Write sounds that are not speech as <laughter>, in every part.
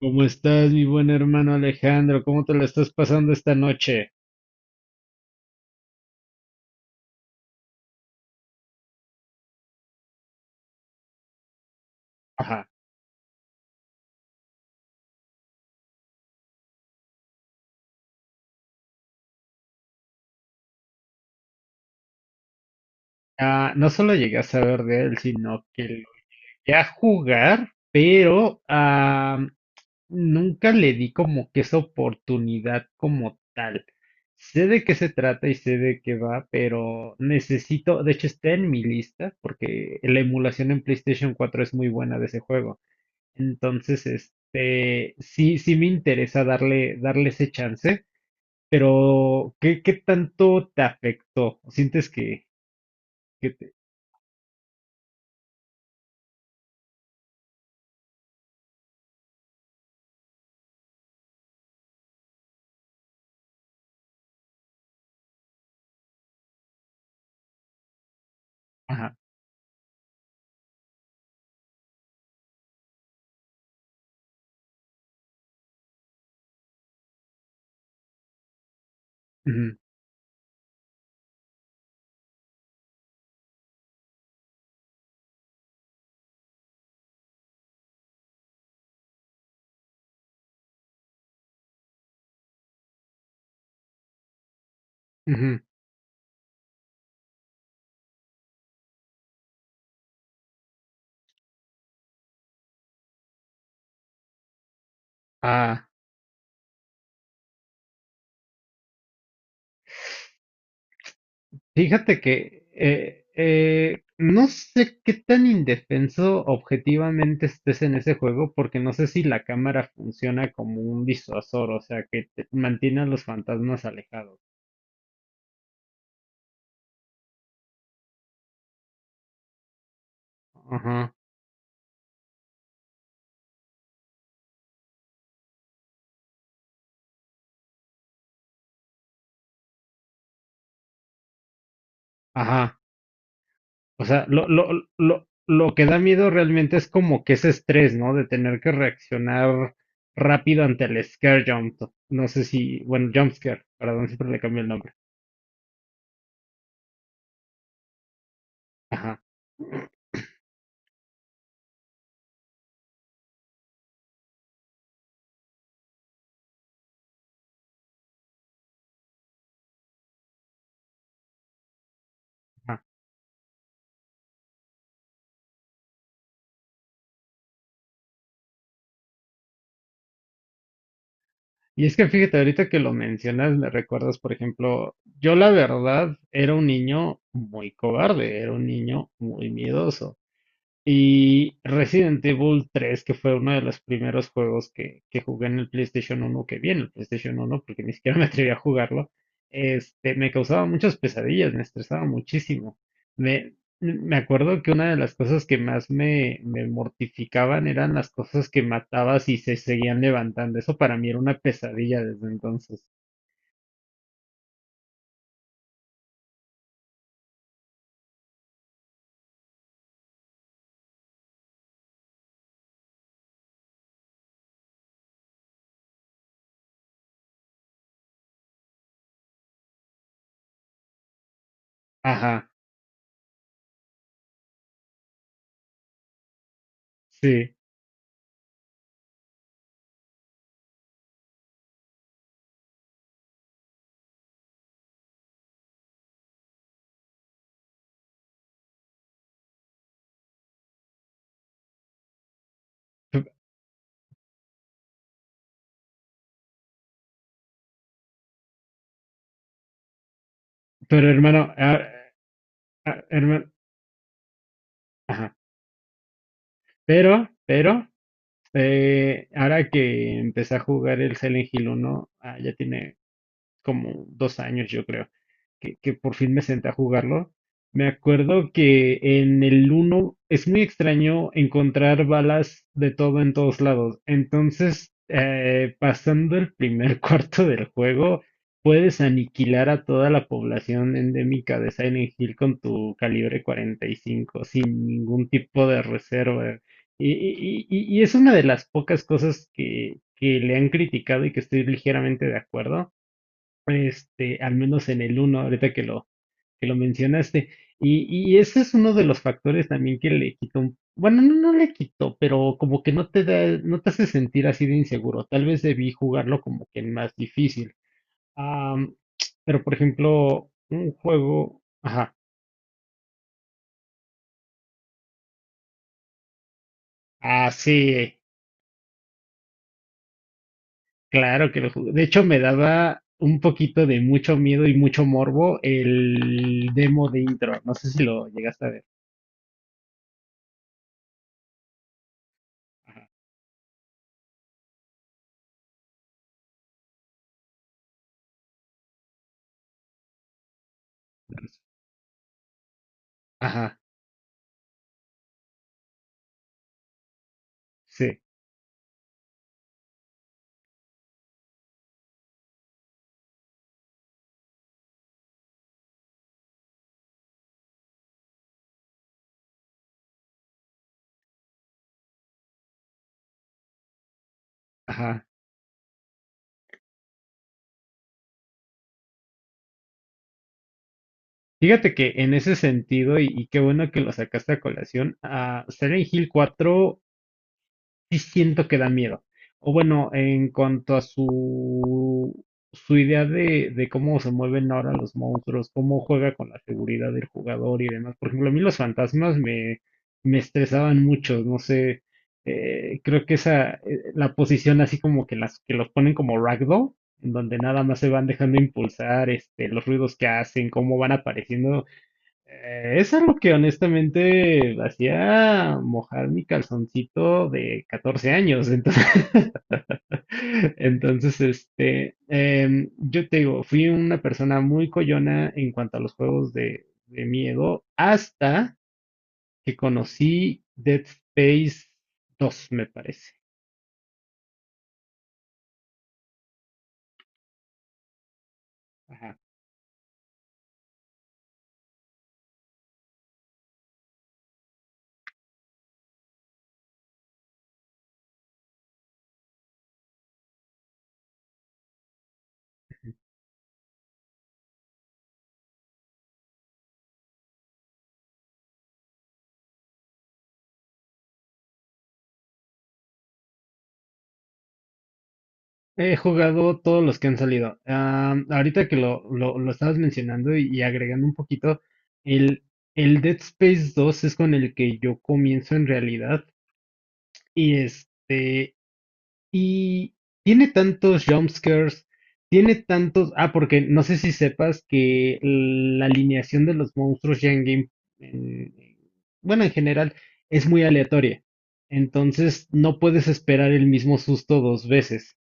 ¿Cómo estás, mi buen hermano Alejandro? ¿Cómo te lo estás pasando esta noche? Ajá. Ah, no solo llegué a saber de él, sino que lo llegué a jugar, pero nunca le di como que esa oportunidad como tal. Sé de qué se trata y sé de qué va, pero necesito, de hecho está en mi lista, porque la emulación en PlayStation 4 es muy buena de ese juego. Entonces, este, sí, sí me interesa darle ese chance. O ¿Qué tanto te afectó? ¿Sientes que te...? Ajá. Ujú, ujú. Ah, fíjate que no sé qué tan indefenso objetivamente estés en ese juego, porque no sé si la cámara funciona como un disuasor, o sea, que te mantiene a los fantasmas alejados. Ajá, ajá. O sea, lo que da miedo realmente es como que ese estrés, ¿no? De tener que reaccionar rápido ante el scare jump. No sé si, bueno, jump scare, perdón, siempre le cambio el nombre. Ajá, ajá. Y es que fíjate, ahorita que lo mencionas, me recuerdas, por ejemplo, yo la verdad era un niño muy cobarde, era un niño muy miedoso. Y Resident Evil 3 que fue uno de los primeros juegos que, jugué en el PlayStation 1, que vi en el PlayStation 1, porque ni siquiera me atreví a jugarlo, este, me causaba muchas pesadillas, me estresaba muchísimo. Me, me acuerdo que una de las cosas que más me mortificaban eran las cosas que matabas y se seguían levantando. Eso para mí era una pesadilla desde entonces. Ajá, sí. P- Pero hermano, hermano, ajá. Pero, ahora que empecé a jugar el Silent Hill 1, ya tiene como 2 años, yo creo que por fin me senté a jugarlo. Me acuerdo que en el uno es muy extraño encontrar balas de todo en todos lados. Entonces, pasando el primer <laughs> cuarto del juego, puedes aniquilar a toda la población endémica de Silent Hill con tu calibre 45 sin ningún tipo de reserva. Y es una de las pocas cosas que, le han criticado y que estoy ligeramente de acuerdo, este, al menos en el uno ahorita que lo mencionaste. Y ese es uno de los factores también que le quitó, bueno, no, no le quitó, pero como que no te da, no te hace sentir así de inseguro. Tal vez debí jugarlo como que más difícil. Am, pero por ejemplo, un juego, ajá, sí, claro que lo jugué. De hecho, me daba un poquito de mucho miedo y mucho morbo el demo de intro. No sé si lo llegaste a ver. Ajá, sí, ajá. Fíjate que en ese sentido, y qué bueno que lo sacaste a colación, a Silent Hill 4 sí siento que da miedo. O bueno, en cuanto a su, idea de cómo se mueven ahora los monstruos, cómo juega con la seguridad del jugador y demás. Por ejemplo, a mí los fantasmas me estresaban mucho, no sé, creo que la posición así como que que los ponen como ragdoll, en donde nada más se van dejando impulsar, este, los ruidos que hacen, cómo van apareciendo. Eso es lo que honestamente hacía mojar mi calzoncito de 14 años. Entonces, <laughs> entonces este, yo te digo, fui una persona muy coyona en cuanto a los juegos de, miedo hasta que conocí Dead Space 2, me parece. He jugado todos los que han salido. Ahorita que lo, estabas mencionando y agregando un poquito, el, el Dead Space 2 es con el que yo comienzo en realidad. Y este, y tiene tantos jumpscares, tiene tantos. Ah, porque no sé si sepas que la alineación de los monstruos ya en game, en- bueno, en general, es muy aleatoria. Entonces no puedes esperar el mismo susto dos veces.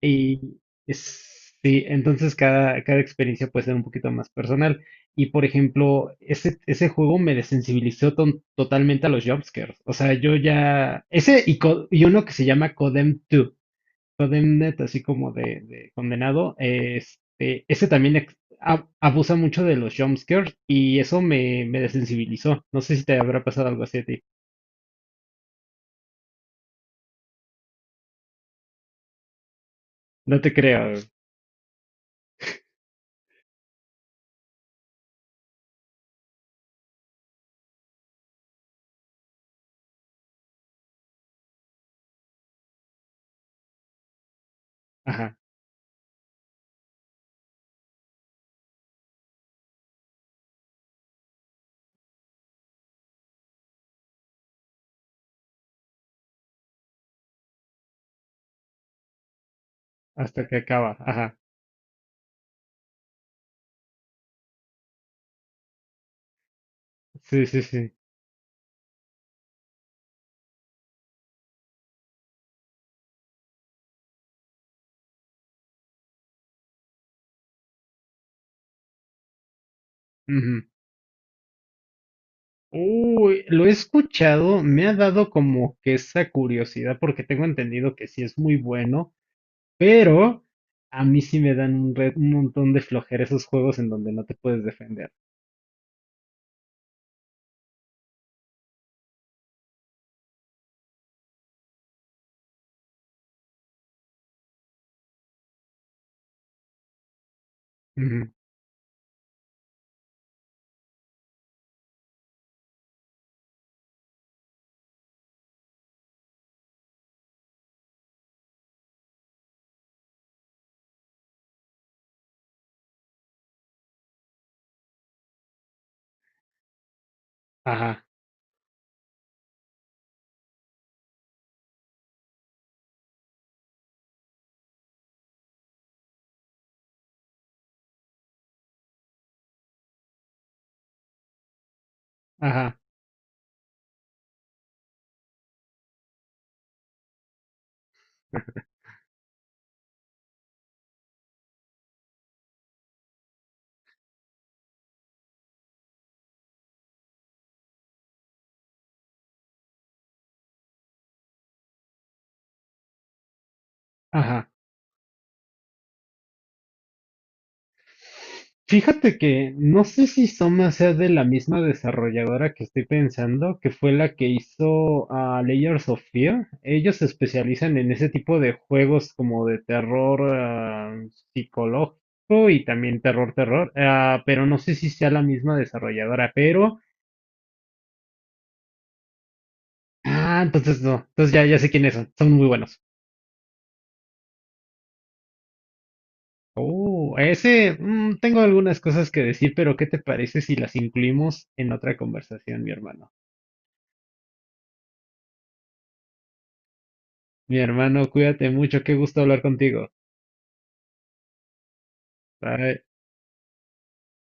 Y sí, entonces cada, experiencia puede ser un poquito más personal. Y por ejemplo, ese juego me desensibilizó totalmente a los jumpscares. O sea, yo ya. Ese y uno que se llama Codem 2, Codemnet, así como de, condenado. Este, ese también abusa mucho de los jumpscares y eso me desensibilizó. No sé si te habrá pasado algo así a ti. No te creo. Ajá. Hasta que acaba. Ajá. Sí, sí, sí. Uy, lo he escuchado, me ha dado como que esa curiosidad porque tengo entendido que sí es muy bueno, pero a mí sí me dan un montón de flojera esos juegos en donde no te puedes defender. Ujú, ajá, ajá, ajá. Fíjate que no sé si Soma sea de la misma desarrolladora que estoy pensando, que fue la que hizo a Layers of Fear. Ellos se especializan en ese tipo de juegos como de terror psicológico y también terror terror. Pero no sé si sea la misma desarrolladora, pero entonces no, entonces ya ya sé quiénes son, muy buenos. Oh, ese tengo algunas cosas que decir, pero ¿qué te parece si las incluimos en otra conversación, mi hermano? Mi hermano, cuídate mucho, qué gusto hablar contigo. Bye.